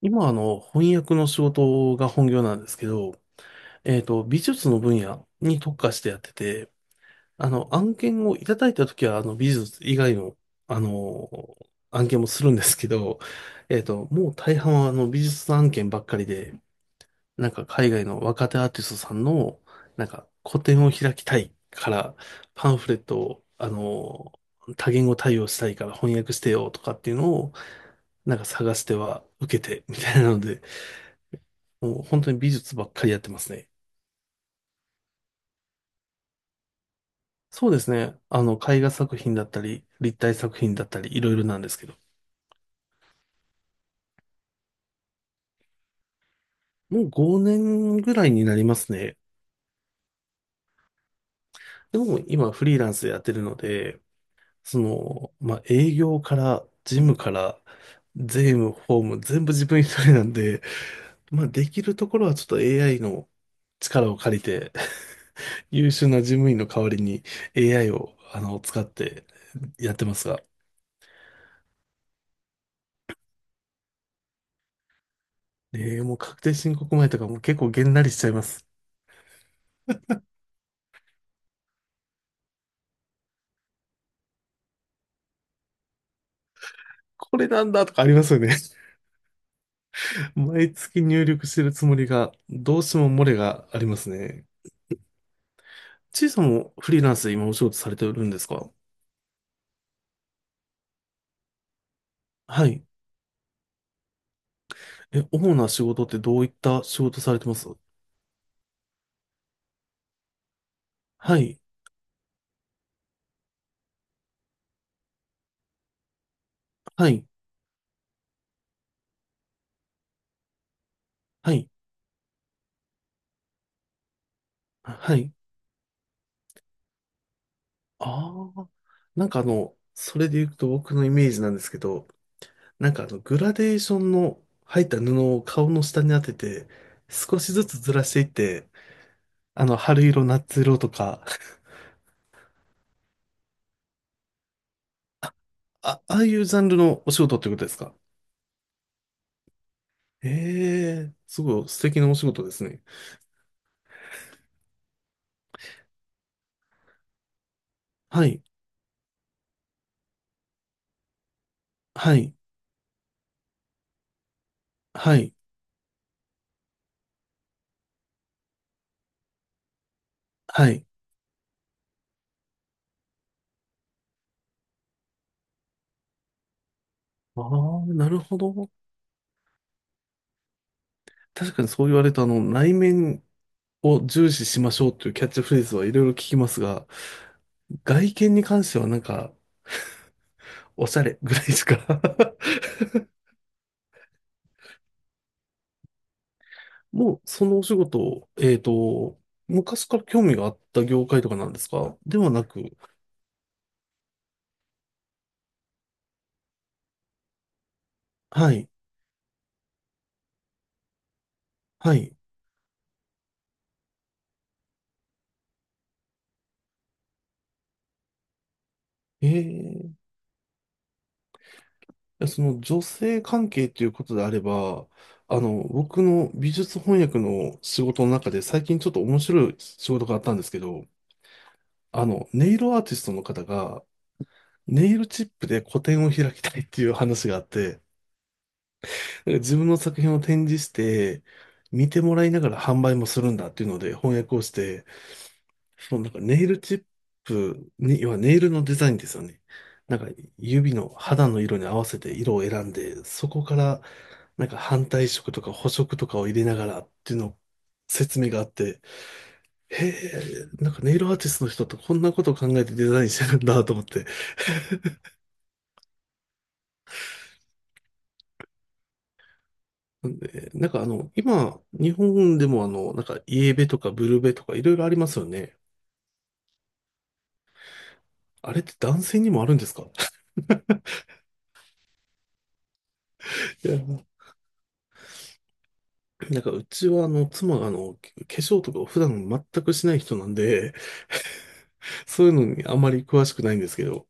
今、翻訳の仕事が本業なんですけど、美術の分野に特化してやってて、案件をいただいたときは、美術以外の、あの、案件もするんですけど、もう大半は、美術案件ばっかりで、海外の若手アーティストさんの、個展を開きたいから、パンフレットを、多言語対応したいから翻訳してよとかっていうのを、なんか探しては受けてみたいなので、もう本当に美術ばっかりやってますね。そうですね。あの、絵画作品だったり、立体作品だったり、いろいろなんですけど。もう5年ぐらいになりますね。でも今フリーランスでやってるので、その、まあ、営業から、事務から、税務、法務、全部自分一人なんで、まあ、できるところはちょっと AI の力を借りて、優秀な事務員の代わりに AI を、使ってやってますが、ねえ、もう確定申告前とかも結構げんなりしちゃいます。これなんだとかありますよね。毎月入力してるつもりが、どうしても漏れがありますね。ちいさんもフリーランスで今お仕事されてるんですか？はい。え、主な仕事ってどういった仕事されてます？はい。はい。はい。はい。ああ。なんかあの、それで言うと僕のイメージなんですけど、なんかあの、グラデーションの入った布を顔の下に当てて、少しずつずらしていって、春色、夏色とか、あ、ああいうジャンルのお仕事ってことですか？ええ、すごい素敵なお仕事ですね。はい、はい、はい、はい。ああ、なるほど。確かにそう言われると、内面を重視しましょうというキャッチフレーズはいろいろ聞きますが、外見に関してはなんか、おしゃれぐらいしか。 もう、そのお仕事、昔から興味があった業界とかなんですかではなく、はい、はい。ええ、やその女性関係ということであれば、僕の美術翻訳の仕事の中で最近ちょっと面白い仕事があったんですけど、ネイルアーティストの方がネイルチップで個展を開きたいっていう話があって、なんか自分の作品を展示して、見てもらいながら販売もするんだっていうので翻訳をして、そのなんかネイルチップに要はネイルのデザインですよね。なんか指の肌の色に合わせて色を選んで、そこからなんか反対色とか補色とかを入れながらっていうのを説明があって、へえ、なんかネイルアーティストの人ってこんなことを考えてデザインしてるんだと思って。でなんかあの、今、日本でもあの、なんかイエベとかブルベとかいろいろありますよね。あれって男性にもあるんですか？ いや、なんかうちはあの、妻があの、化粧とかを普段全くしない人なんで、そういうのにあまり詳しくないんですけど、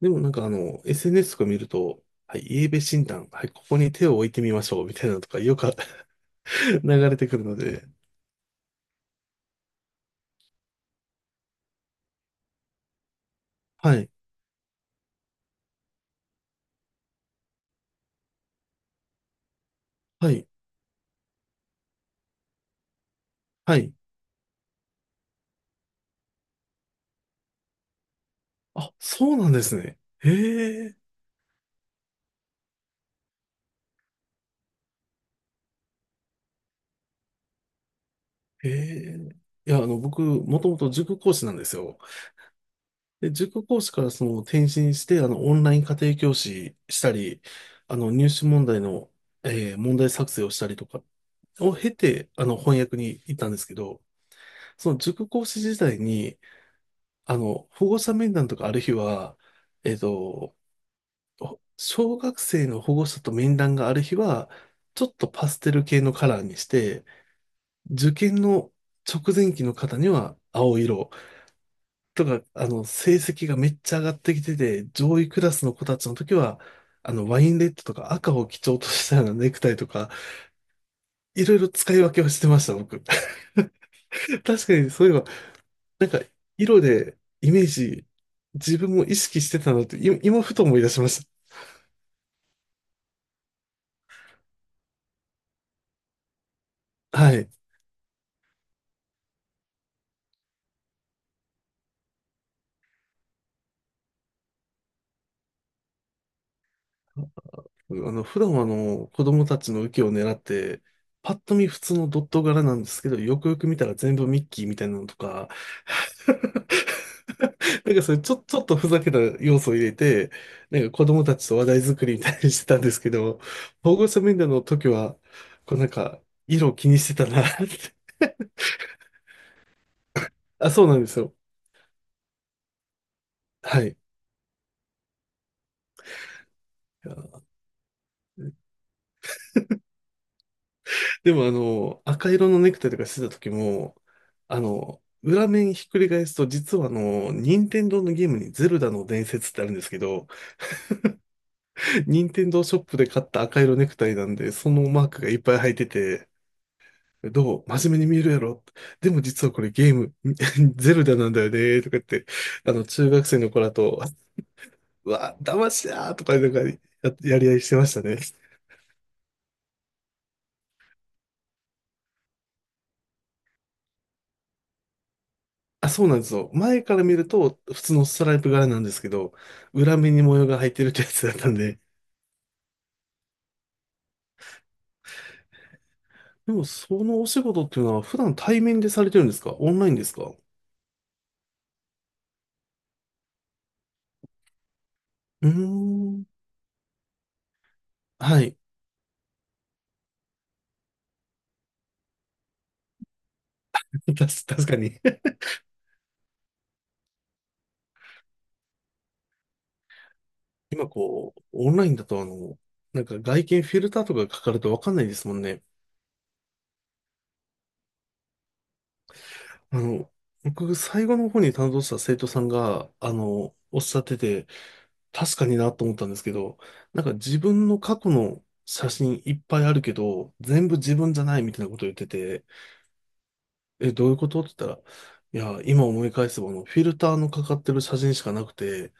でもなんかあの、SNS とか見ると、はい、イーベ診断、はい、ここに手を置いてみましょう、みたいなのとかよく 流れてくるので、はい、はい、はい。あ、そうなんですね。へえ、へえ。いや、僕、もともと塾講師なんですよ。で、塾講師からその転身して、オンライン家庭教師したり、入試問題の、問題作成をしたりとかを経て、翻訳に行ったんですけど、その塾講師時代に、保護者面談とかある日は、えっと、小学生の保護者と面談がある日は、ちょっとパステル系のカラーにして、受験の直前期の方には青色、とか、成績がめっちゃ上がってきてて、上位クラスの子たちの時は、ワインレッドとか赤を基調としたような ネクタイとか、いろいろ使い分けをしてました、僕。確かに、そういえば、なんか、色でイメージ、自分も意識してたなって、今、ふと思い出しました。はい。普段はあの、子供たちの受けを狙って、パッと見普通のドット柄なんですけど、よくよく見たら全部ミッキーみたいなのとか、なんかそれちょ、ちょっとふざけた要素を入れて、なんか子供たちと話題作りみたいにしてたんですけど、保護者面談の時は、こうなんか、色を気にしてたなって。あ、そうなんですよ。はい。でもあの、赤色のネクタイとかしてた時も、裏面ひっくり返すと、実はあの、任天堂のゲームにゼルダの伝説ってあるんですけど、任天堂ショップで買った赤色ネクタイなんで、そのマークがいっぱい入ってて、どう真面目に見えるやろでも実はこれゲーム、ゼルダなんだよね、とか言って、中学生の子らと、うわ、騙しだーとか、やり合いしてましたね。あ、そうなんですよ。前から見ると、普通のストライプ柄なんですけど、裏目に模様が入ってるってやつだったんで。でも、そのお仕事っていうのは、普段対面でされてるんですかオンラインですか？うーん。はい。確かに。 今こう、オンラインだとあの、なんか外見フィルターとかかかるとわかんないですもんね。あの、僕、最後の方に担当した生徒さんが、おっしゃってて、確かになと思ったんですけど、なんか自分の過去の写真いっぱいあるけど、全部自分じゃないみたいなことを言ってて、え、どういうことって言ったら、いや、今思い返せば、フィルターのかかってる写真しかなくて、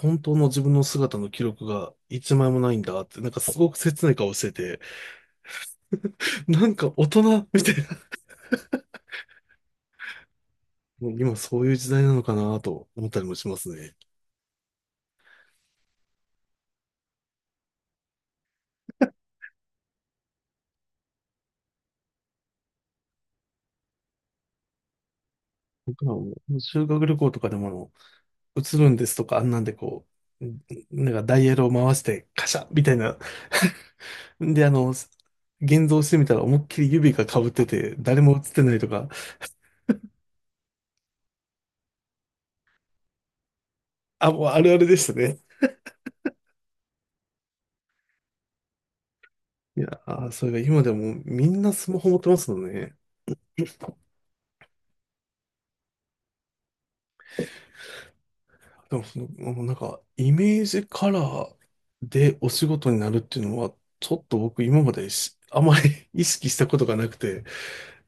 本当の自分の姿の記録が一枚もないんだって、なんかすごく切ない顔してて、なんか大人みたいな、もう今そういう時代なのかなと思ったりもしますね。僕らも修学旅行とかでも、映るんですとか、あんなんでこう、なんかダイヤルを回して、カシャみたいな。で、現像してみたら思いっきり指が被ってて、誰も映ってないとか、あ、もうあるあるでしたね。いやー、それが今でもみんなスマホ持ってますもんね。でもその、もうなんか、イメージカラーでお仕事になるっていうのは、ちょっと僕今まであまり 意識したことがなくて、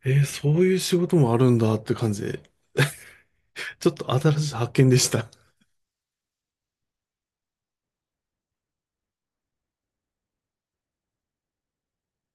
えーそういう仕事もあるんだって感じでちょっと新しい発見でした。